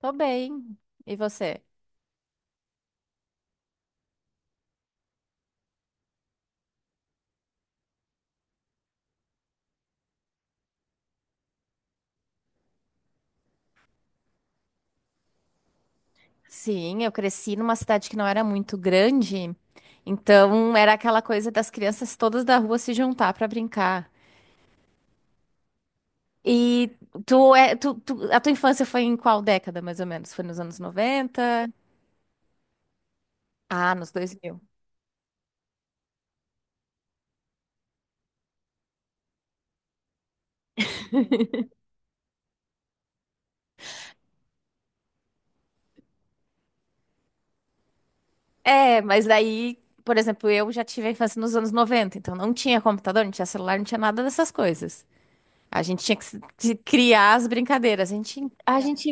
Tô bem. E você? Sim, eu cresci numa cidade que não era muito grande, então era aquela coisa das crianças todas da rua se juntar pra brincar. E tu é, tu, tu- a tua infância foi em qual década, mais ou menos? Foi nos anos 90? Ah, nos dois mil. É, mas daí, por exemplo, eu já tive a infância nos anos 90. Então não tinha computador, não tinha celular, não tinha nada dessas coisas. A gente tinha que se- de criar as brincadeiras. A gente,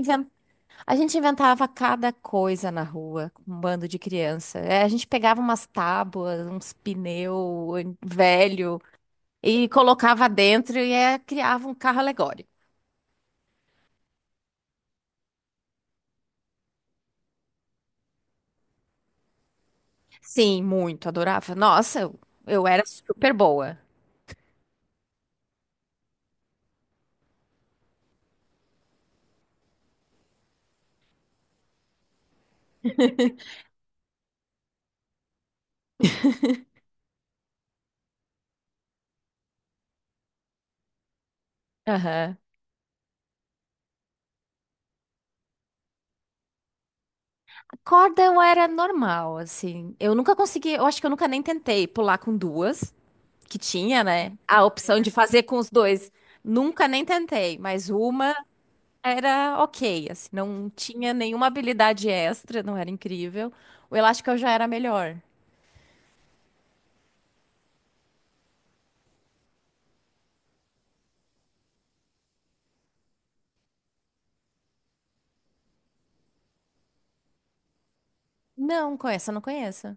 a gente inventava cada coisa na rua, com um bando de criança. É, a gente pegava umas tábuas, uns pneu velho e colocava dentro e é, criava um carro alegórico. Sim, muito, adorava. Nossa, eu era super boa. Aham. Corda eu era normal, assim. Eu nunca consegui, eu acho que eu nunca nem tentei pular com duas, que tinha, né? A opção de fazer com os dois. Nunca nem tentei, mas uma era ok, assim, não tinha nenhuma habilidade extra, não era incrível. O elástico eu já era melhor. Não, com essa eu não conheço.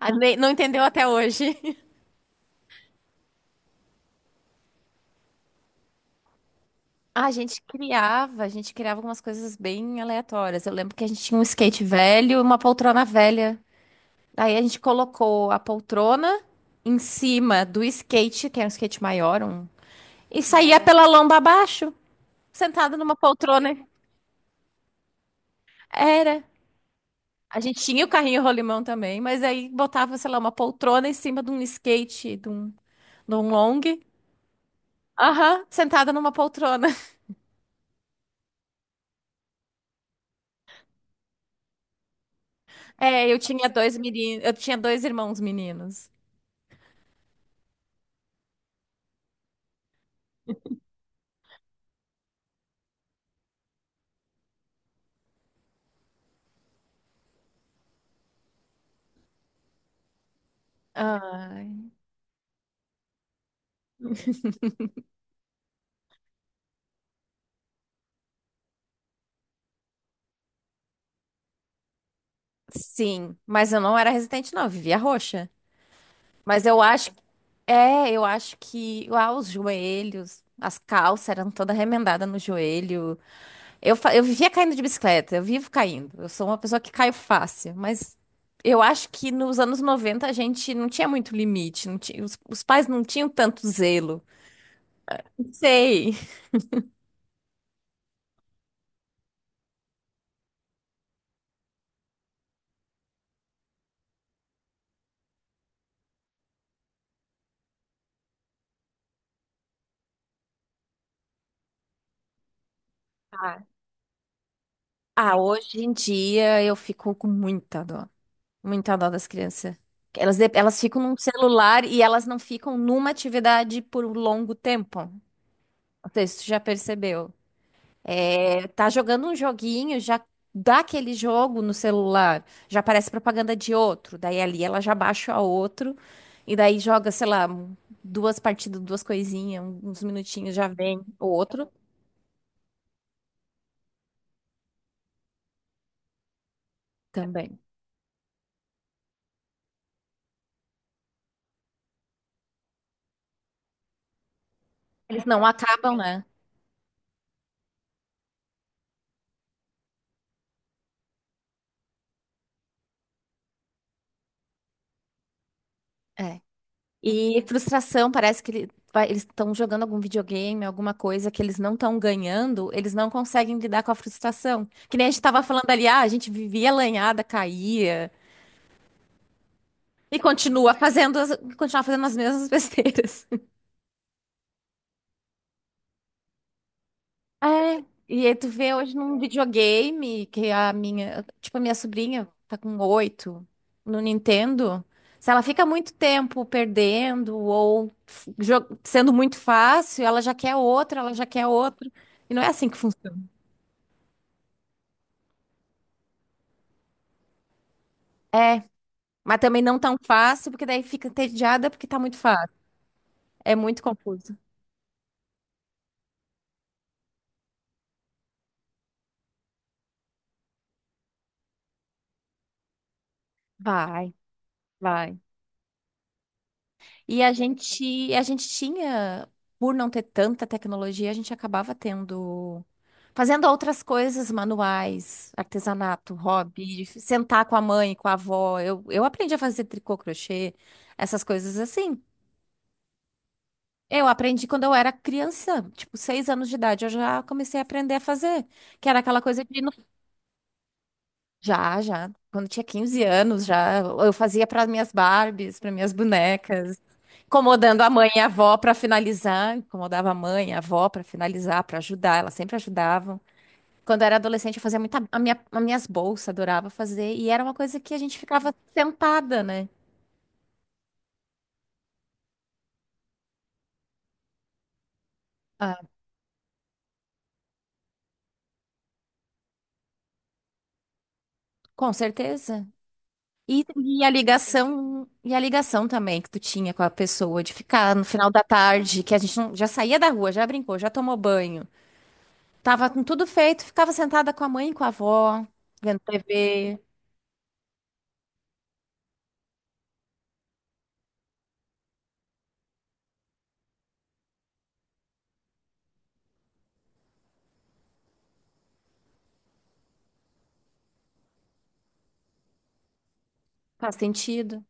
Não entendeu até hoje. A gente criava algumas coisas bem aleatórias. Eu lembro que a gente tinha um skate velho e uma poltrona velha. Aí a gente colocou a poltrona em cima do skate, que era um skate maior, um, e saía pela lomba abaixo, sentado numa poltrona. Era. A gente tinha o carrinho rolimão também, mas aí botava, sei lá, uma poltrona em cima de um skate, de um long. Aham, sentada numa poltrona. É, eu tinha dois meninos, eu tinha dois irmãos meninos. Ai, sim, mas eu não era resistente, não, eu vivia roxa. Mas eu acho, é, eu acho que, ah, os joelhos, as calças eram toda remendada no joelho. Eu vivia caindo de bicicleta, eu vivo caindo. Eu sou uma pessoa que cai fácil, mas eu acho que nos anos 90 a gente não tinha muito limite, não tinha, os pais não tinham tanto zelo. Não sei. Ah, Ah, hoje em dia eu fico com muita dó das crianças. Elas ficam num celular e elas não ficam numa atividade por um longo tempo. Não sei se tu já percebeu. É, tá jogando um joguinho, já dá aquele jogo no celular, já aparece propaganda de outro, daí ali ela já baixa o outro, e daí joga, sei lá, duas partidas, duas coisinhas, uns minutinhos já vem o outro também. Eles não acabam, né? É. E frustração, parece que eles estão jogando algum videogame, alguma coisa que eles não estão ganhando, eles não conseguem lidar com a frustração. Que nem a gente tava falando ali, ah, a gente vivia lanhada, caía. E continua fazendo as mesmas besteiras. É, e aí tu vê hoje num videogame que a minha, tipo, a minha sobrinha tá com oito no Nintendo. Se ela fica muito tempo perdendo ou sendo muito fácil, ela já quer outro. E não é assim que funciona. É, mas também não tão fácil, porque daí fica entediada porque tá muito fácil. É muito confuso. Vai, vai. E a gente tinha, por não ter tanta tecnologia, a gente acabava tendo, fazendo outras coisas manuais, artesanato, hobby, sentar com a mãe, com a avó. Eu aprendi a fazer tricô, crochê, essas coisas assim. Eu aprendi quando eu era criança, tipo, seis anos de idade, eu já comecei a aprender a fazer, que era aquela coisa de... Já, já. Quando tinha quinze anos, já eu fazia para minhas Barbies, para minhas bonecas, incomodando a mãe e a avó para finalizar, incomodava a mãe, e a avó para finalizar, para ajudar, elas sempre ajudavam. Quando eu era adolescente, eu fazia muita a minha, as minhas bolsas, adorava fazer, e era uma coisa que a gente ficava sentada, né? Ah, com certeza. E, e a ligação também que tu tinha com a pessoa de ficar no final da tarde, que a gente já saía da rua, já brincou, já tomou banho. Tava com tudo feito, ficava sentada com a mãe e com a avó, vendo TV. Faz sentido.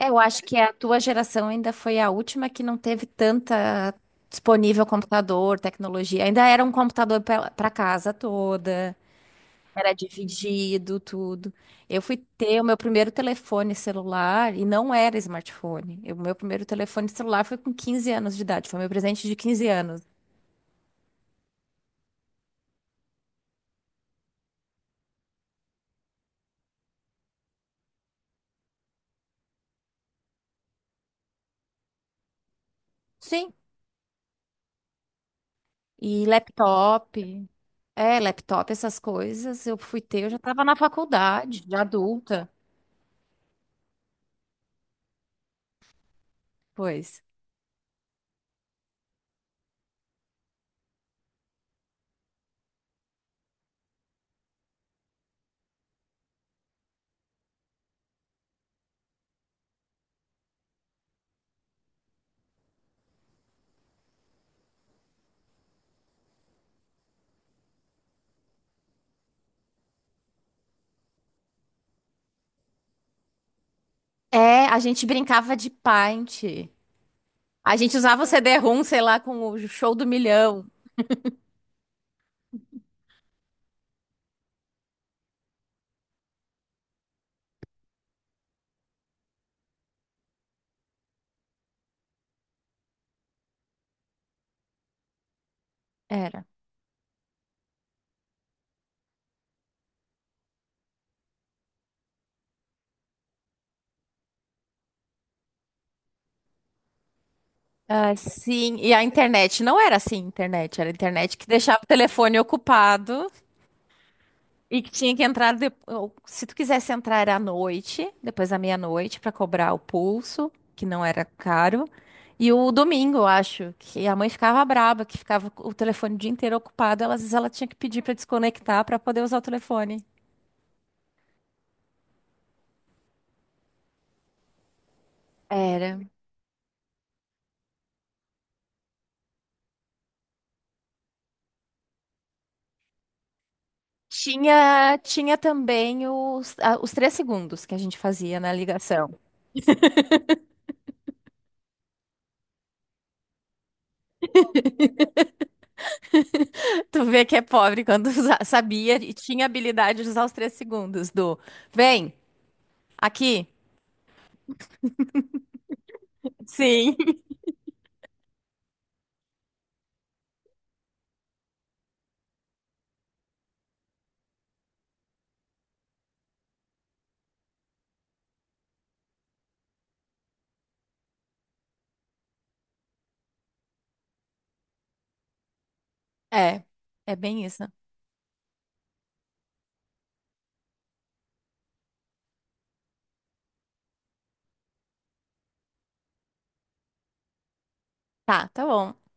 É, eu acho que a tua geração ainda foi a última que não teve tanta disponível computador, tecnologia. Ainda era um computador para casa toda, era dividido, tudo. Eu fui ter o meu primeiro telefone celular e não era smartphone. O meu primeiro telefone celular foi com 15 anos de idade, foi meu presente de 15 anos. Sim, E laptop, é, laptop, essas coisas, eu fui ter, eu já estava na faculdade, já adulta, pois. É, a gente brincava de Paint. A gente usava o CD-ROM, sei lá, com o show do milhão. Era. Ah, sim, e a internet não era assim, internet, era internet que deixava o telefone ocupado. E que tinha que entrar ou, se tu quisesse entrar era à noite, depois da meia-noite, para cobrar o pulso, que não era caro. E o domingo, eu acho, que a mãe ficava braba, que ficava o telefone o dia inteiro ocupado, às vezes ela tinha que pedir para desconectar para poder usar o telefone. Era. Tinha, tinha também os 3 segundos que a gente fazia na ligação. Tu vê que é pobre quando sabia e tinha habilidade de usar os 3 segundos do vem aqui. Sim. É, é bem isso. Né? Tá, tá bom.